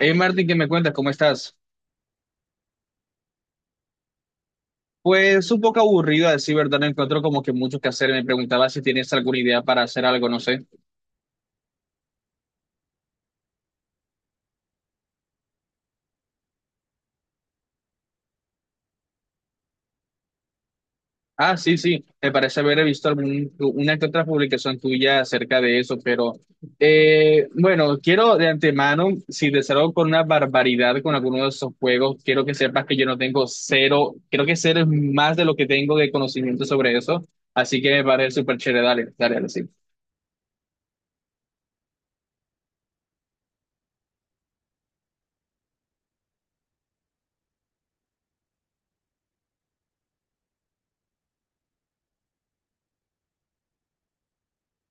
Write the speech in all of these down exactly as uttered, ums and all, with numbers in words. Hey Martín, ¿qué me cuentas? ¿Cómo estás? Pues un poco aburrido a decir verdad, no encuentro como que mucho que hacer. Me preguntaba si tienes alguna idea para hacer algo, no sé. Ah, sí, sí, me parece haber visto algún- una que otra publicación tuya acerca de eso, pero eh, bueno, quiero de antemano, si te salgo con una barbaridad con alguno de esos juegos, quiero que sepas que yo no tengo cero, creo que cero es más de lo que tengo de conocimiento sobre eso, así que me parece súper chévere, dale, dale, dale, sí.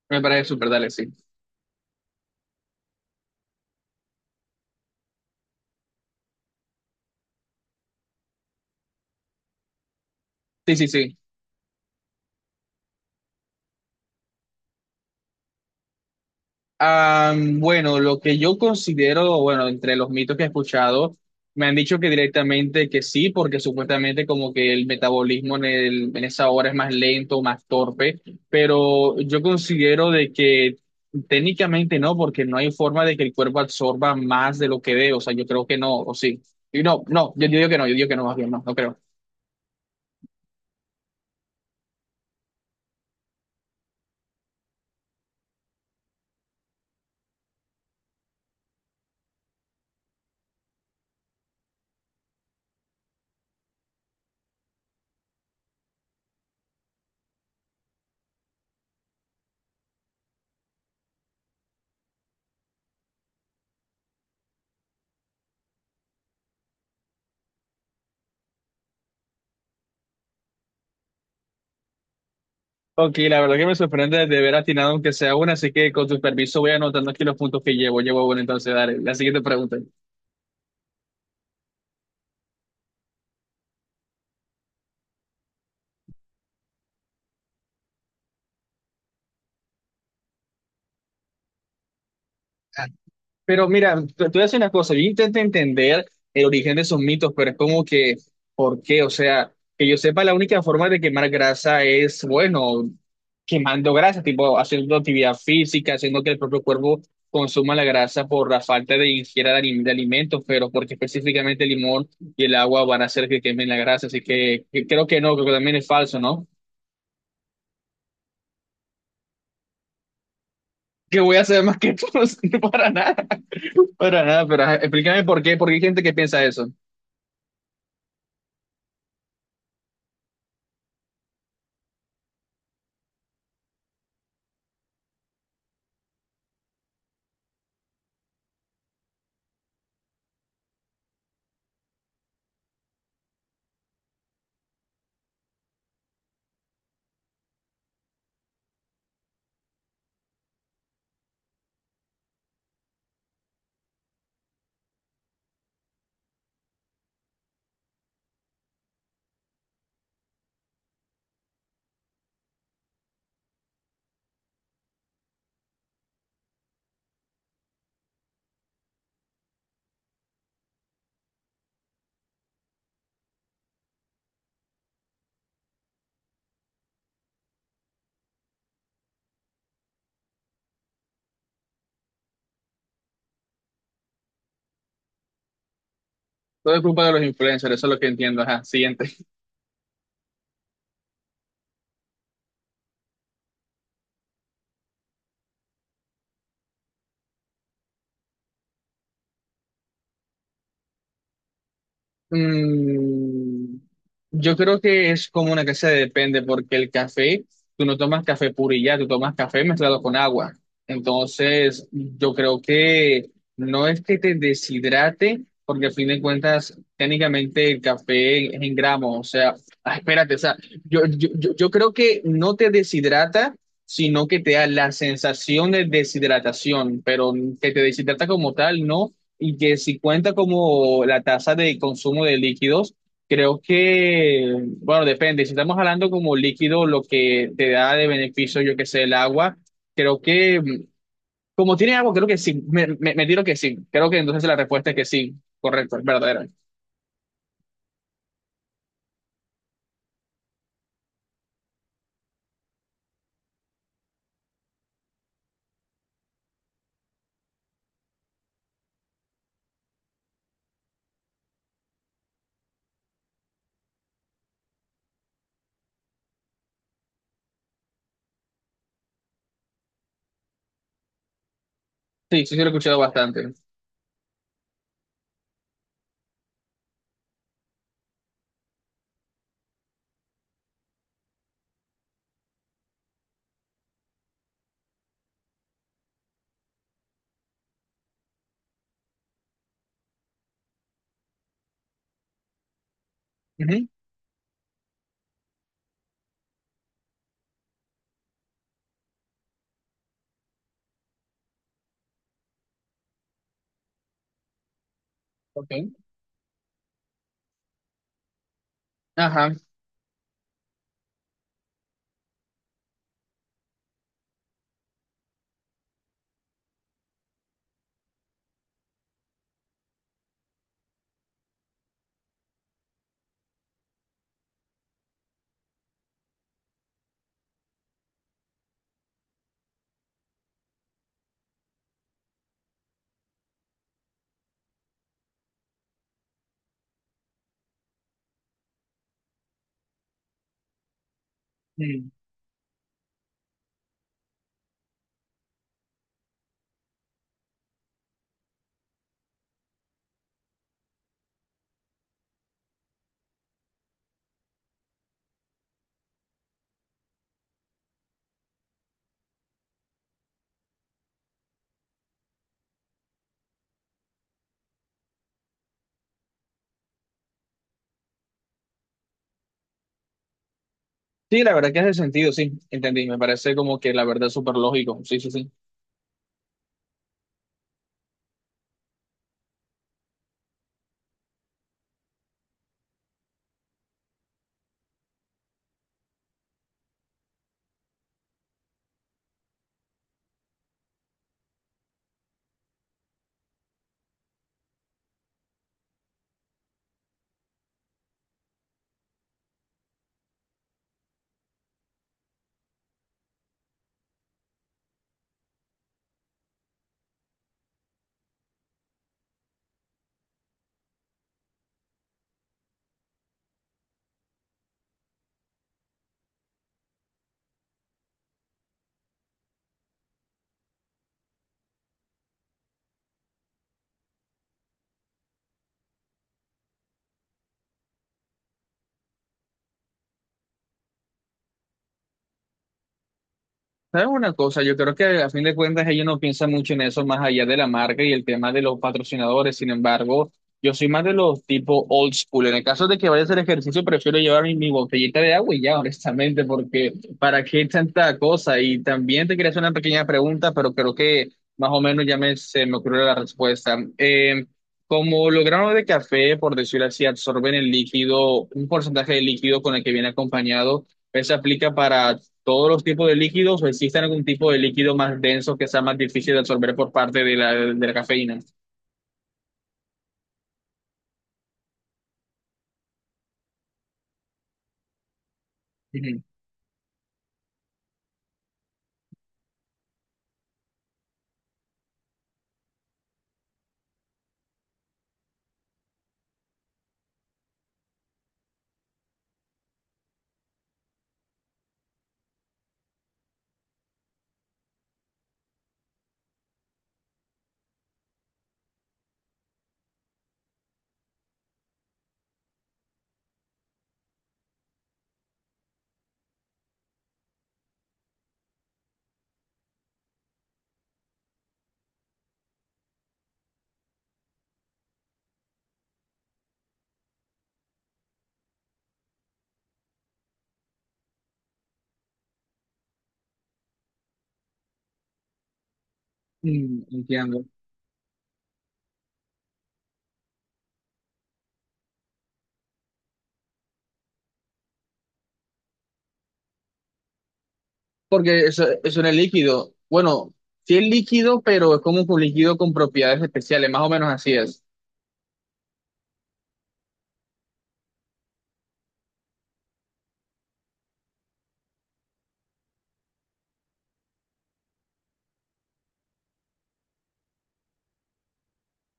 Me parece súper, dale, sí. Sí, sí, sí. Ah, bueno, lo que yo considero, bueno, entre los mitos que he escuchado, me han dicho que directamente que sí, porque supuestamente como que el metabolismo en, el- en esa hora es más lento, más torpe, pero yo considero de que técnicamente no, porque no hay forma de que el cuerpo absorba más de lo que dé, o sea, yo creo que no, o sí. Y no, no, yo, yo digo que no, yo digo que no, más bien, no, no creo. Ok, la verdad que me sorprende de haber atinado aunque sea una, así que con tu permiso voy anotando aquí los puntos que llevo. Llevo, bueno, entonces, dale, la siguiente pregunta. Pero mira, te, te voy a decir una cosa, yo intento entender el origen de esos mitos, pero es como que, ¿por qué? O sea, que yo sepa, la única forma de quemar grasa es, bueno, quemando grasa, tipo haciendo actividad física, haciendo que el propio cuerpo consuma la grasa por la falta de ingesta de, ali- de alimentos, pero porque específicamente el limón y el agua van a hacer que quemen la grasa, así que, que creo que no, creo que también es falso, ¿no? ¿Qué voy a hacer más que tú? No, para nada, para nada, pero ajá, explícame por qué, porque hay gente que piensa eso. Todo es culpa de los influencers, eso es lo que entiendo. Ajá, siguiente. Mm, yo creo que es como una que se depende, porque el café, tú no tomas café puro y ya, tú tomas café mezclado con agua. Entonces, yo creo que no es que te deshidrate, porque a fin de cuentas, técnicamente el café es en gramos. O sea, ah, espérate, o sea, yo, yo, yo yo creo que no te deshidrata sino que te da la sensación de deshidratación, pero que te deshidrata como tal, no, y que si cuenta como la tasa de consumo de líquidos, creo que, bueno, depende. Si estamos hablando como líquido, lo que te da de beneficio, yo que sé, el agua, creo que, mm, como tiene agua, creo que sí. Me, me, me tiro que sí. Creo que entonces la respuesta es que sí. Correcto, es verdadera. Sí, sí, sí, lo he escuchado bastante. Ujú, ok. Ajá. Mm. Sí, la verdad que hace sentido, sí. Entendí. Me parece como que la verdad es súper lógico. Sí, sí, sí. ¿Sabes una cosa? Yo creo que a fin de cuentas ellos no piensan mucho en eso más allá de la marca y el tema de los patrocinadores. Sin embargo, yo soy más de los tipo old school. En el caso de que vaya a hacer ejercicio, prefiero llevar mi, mi botellita de agua y ya, honestamente, porque ¿para qué tanta cosa? Y también te quería hacer una pequeña pregunta, pero creo que más o menos ya me, se me ocurrió la respuesta. Eh, como los granos de café, por decirlo así, absorben el líquido, un porcentaje de líquido con el que viene acompañado. Eso aplica para todos los tipos de líquidos o existe algún tipo de líquido más denso que sea más difícil de absorber por parte de la, de la cafeína. Ujú. Mm, entiendo. Porque eso, eso no es líquido. Bueno, sí es líquido, pero es como un líquido con propiedades especiales, más o menos así es.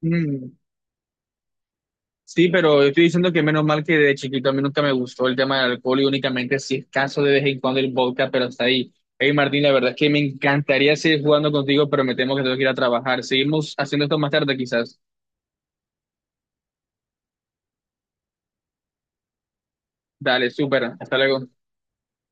Mm, sí, pero estoy diciendo que menos mal que de chiquito a mí nunca me gustó el tema del alcohol y únicamente si es caso de vez en cuando el vodka, pero hasta ahí. Hey Martín, la verdad es que me encantaría seguir jugando contigo, pero me temo que tengo que ir a trabajar. Seguimos haciendo esto más tarde quizás. Dale, súper. Hasta luego.